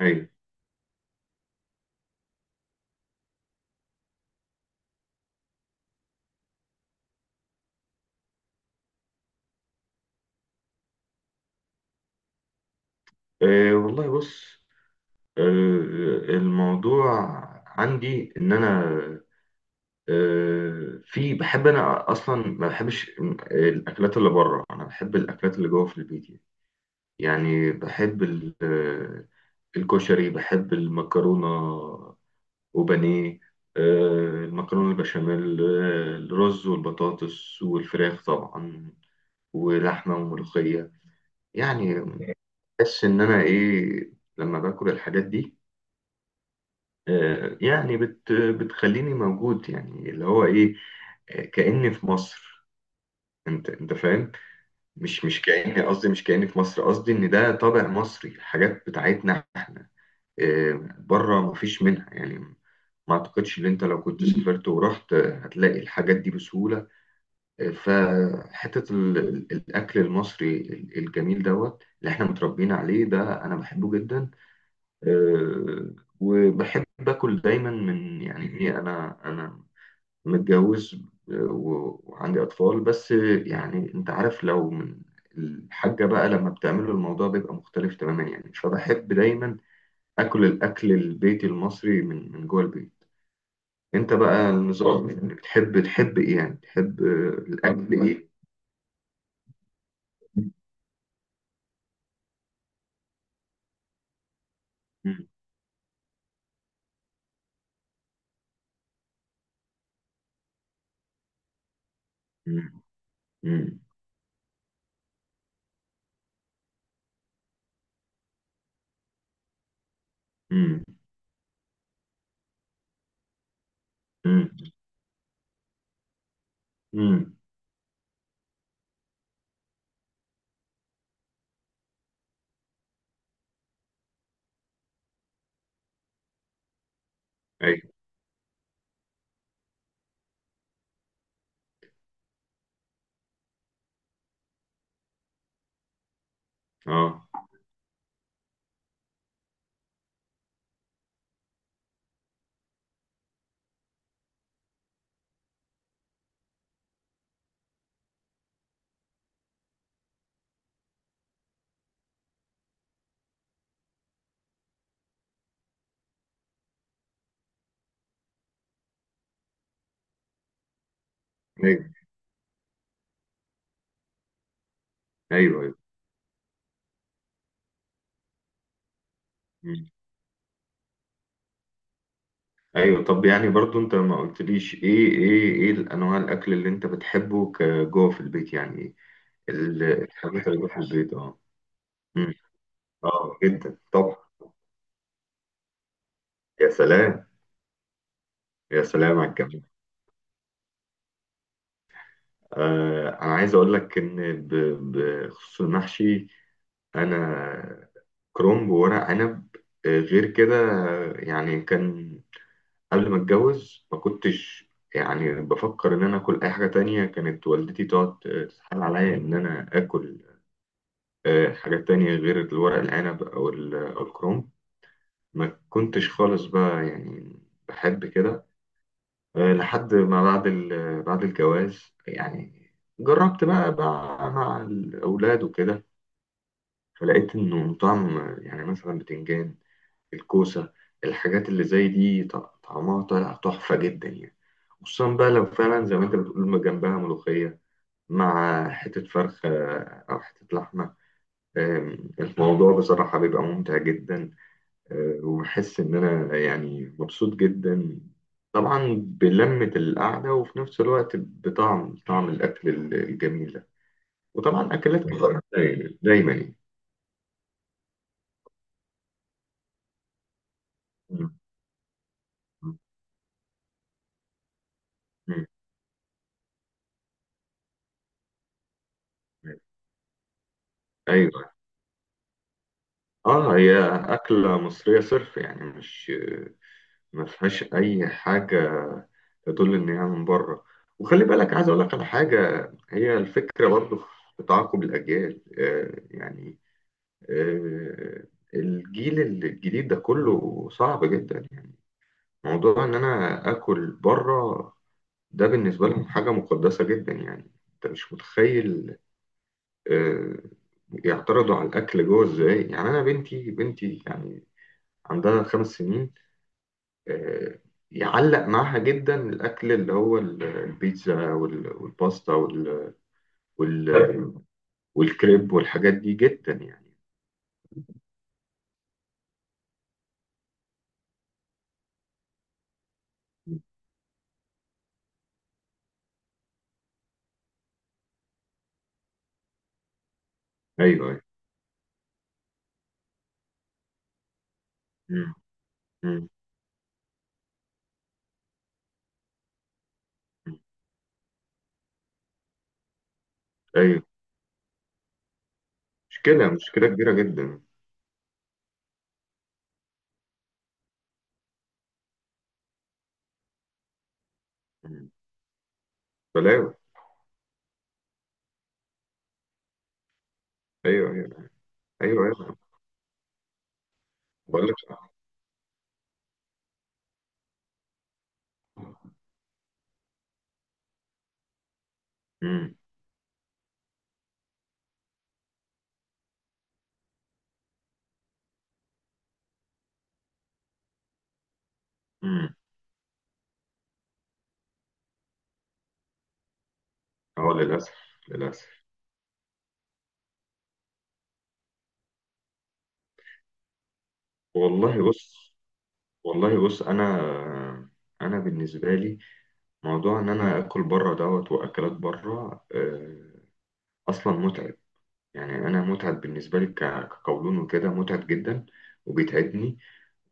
ايوه. أه، والله بص. أه آه، الموضوع عندي ان انا، في بحب انا اصلا ما بحبش الاكلات اللي بره. انا بحب الاكلات اللي جوه في البيت يعني. يعني بحب الكشري، بحب المكرونه وبانيه. أه المكرونه البشاميل، الرز والبطاطس والفراخ طبعا، ولحمه وملوخيه يعني. بحس ان انا ايه لما باكل الحاجات دي. يعني بتخليني موجود، يعني اللي هو ايه، كأني في مصر. انت فاهم. مش كأني، قصدي مش كأني في مصر، قصدي ان ده طابع مصري، الحاجات بتاعتنا احنا. آه، بره مفيش منها يعني. ما اعتقدش ان انت لو كنت سافرت ورحت، هتلاقي الحاجات دي بسهولة. فحتة الاكل المصري الجميل دوت اللي احنا متربيين عليه ده انا بحبه جدا. آه، وبحب اكل دايما من، يعني ايه، انا متجوز، آه، وعندي اطفال. بس آه، يعني انت عارف، لو من الحاجة بقى لما بتعمله الموضوع بيبقى مختلف تماما يعني. فبحب دايما اكل الاكل البيتي المصري من جوه البيت. انت بقى النظام يعني بتحب، تحب ايه يعني؟ تحب الاكل ايه؟ مم، مم، مم، مم، مم، مم. ايوه. اه. ايوه. ايوه. ايوه. ايوه طب يعني برضو انت ما قلتليش ايه الانواع الاكل اللي انت بتحبه كجوه في البيت، يعني الحاجات اللي جوه في البيت. اه. مم. اه جدا طبعا. يا سلام. يا سلام على الجمال. آه انا عايز اقول لك ان بخصوص المحشي، انا كرنب وورق عنب، آه، غير كده. آه، يعني كان قبل ما اتجوز ما كنتش يعني بفكر ان انا اكل اي حاجه تانية. كانت والدتي تقعد تتحايل عليا ان انا اكل حاجات تانية غير الورق العنب أو أو الكروم. ما كنتش خالص بقى يعني بحب كده. آه، لحد ما بعد بعد الجواز يعني، جربت بقى مع الأولاد وكده، فلقيت إنه طعم. يعني مثلا بتنجان، الكوسة، الحاجات اللي زي دي طعمها طالع تحفة جدا يعني. خصوصا بقى لو فعلا زي ما أنت بتقول ما جنبها ملوخية، مع حتة فرخة أو حتة لحمة. الموضوع بصراحة بيبقى ممتع جدا. آه، وبحس إن أنا يعني مبسوط جدا، طبعا بلمة القعدة، وفي نفس الوقت بطعم طعم الأكل الجميل ده. وطبعا أكلات كتير يعني، دايما يعني. م- م- م- أيوه. آه هي أكلة مصرية صرف، يعني مش ما فيهاش أي حاجة تدل إن هي من بره. وخلي بالك، عايز أقول لك على حاجة، هي الفكرة برضه في تعاقب الأجيال. آه، يعني آه، الجيل الجديد ده كله صعب جدا يعني. موضوع ان انا اكل بره ده بالنسبه لهم حاجه مقدسه جدا، يعني انت مش متخيل. آه، يعترضوا على الاكل جوه ازاي. يعني انا بنتي يعني عندها 5 سنين، آه، يعلق معاها جدا الاكل اللي هو البيتزا والباستا وال- والكريب والحاجات دي جدا يعني. ايوه. ايوه. مم، مم. مم. ايوه. مشكلة كبيرة جدا. مم. بلاوي. أيوه أيوه. أيوه أيوه. بقول لك. امم. امم. أه للأسف. للأسف. والله بص، والله بص أنا، أنا بالنسبة لي موضوع إن أنا آكل بره دوت، وأكلات بره آه، أصلا متعب. يعني أنا متعب بالنسبة لي، كقولون وكده متعب جدا، وبيتعبني.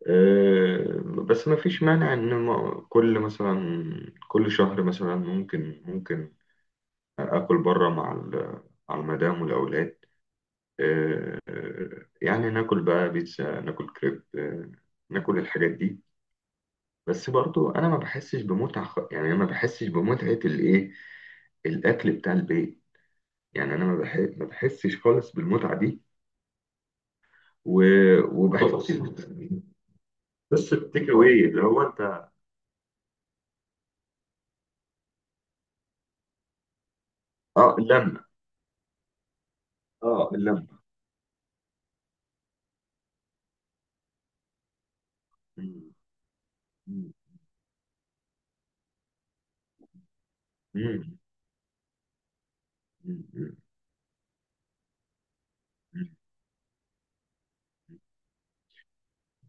آه، بس ما فيش مانع إن كل مثلا كل شهر مثلا، ممكن يعني اكل بره مع مع المدام والاولاد. يعني ناكل بقى بيتزا، ناكل كريب، آه، ناكل الحاجات دي. بس برضو انا ما بحسش بمتعه يعني أنا ما بحسش بمتعه الايه، الاكل بتاع البيت. يعني انا ما بحسش خالص بالمتعه دي. وبحس بس التيك اواي اللي هو انت. اه اللمه. اه اللمه. مم. مم. مم. مم. مم.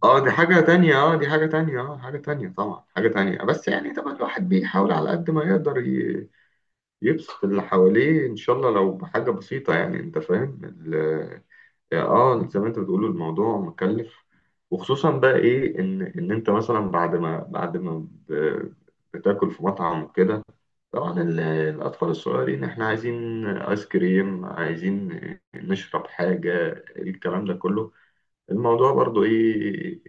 اه دي حاجة تانية. اه دي حاجة تانية. اه حاجة تانية طبعا، حاجة تانية. بس يعني طبعا الواحد بيحاول على قد ما يقدر يبسط اللي حواليه ان شاء الله لو بحاجة بسيطة، يعني انت فاهم اه زي ما انت بتقول الموضوع مكلف. وخصوصا بقى ايه، ان انت مثلا بعد ما بتاكل في مطعم وكده، طبعا الاطفال الصغيرين احنا عايزين ايس كريم، عايزين نشرب حاجة، الكلام ده كله. الموضوع برضو ايه،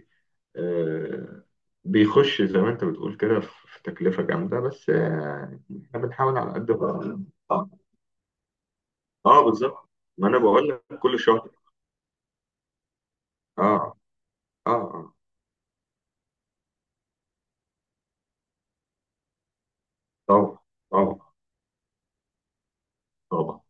آه، بيخش زي ما انت بتقول كده، في تكلفة جامدة. بس آه، احنا بنحاول على قد ما. اه. آه، بالظبط. ما انا بقول لك كل شهر. اه. اه. اه. طبعا طبعا. طبعا.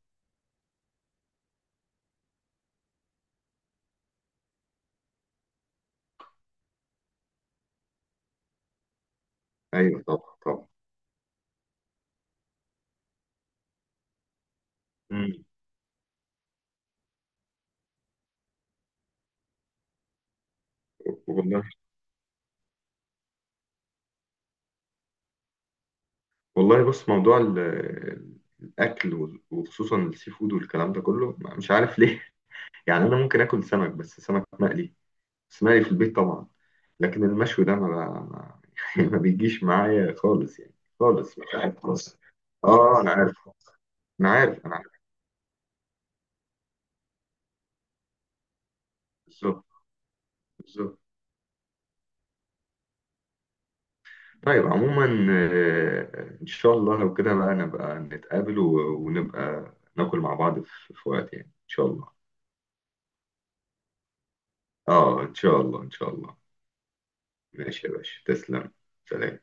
ايوه. طبعا. طبعا. مم. والله. والله بص موضوع الاكل وخصوصا السي فود والكلام ده كله، مش عارف ليه. يعني انا ممكن اكل سمك، بس سمك مقلي. اسمعي في البيت طبعا. لكن المشوي ده ما، ما يعني ما بيجيش معايا خالص يعني. خالص، مش عارف خالص. اه انا عارف. انا عارف. انا عارف. بالظبط. بالظبط. طيب عموما، آه، ان شاء الله لو كده بقى نبقى نتقابل، ونبقى ناكل مع بعض في وقت، يعني ان شاء الله. اه ان شاء الله، ان شاء الله. ماشي يا باشا، تسلم. سلام.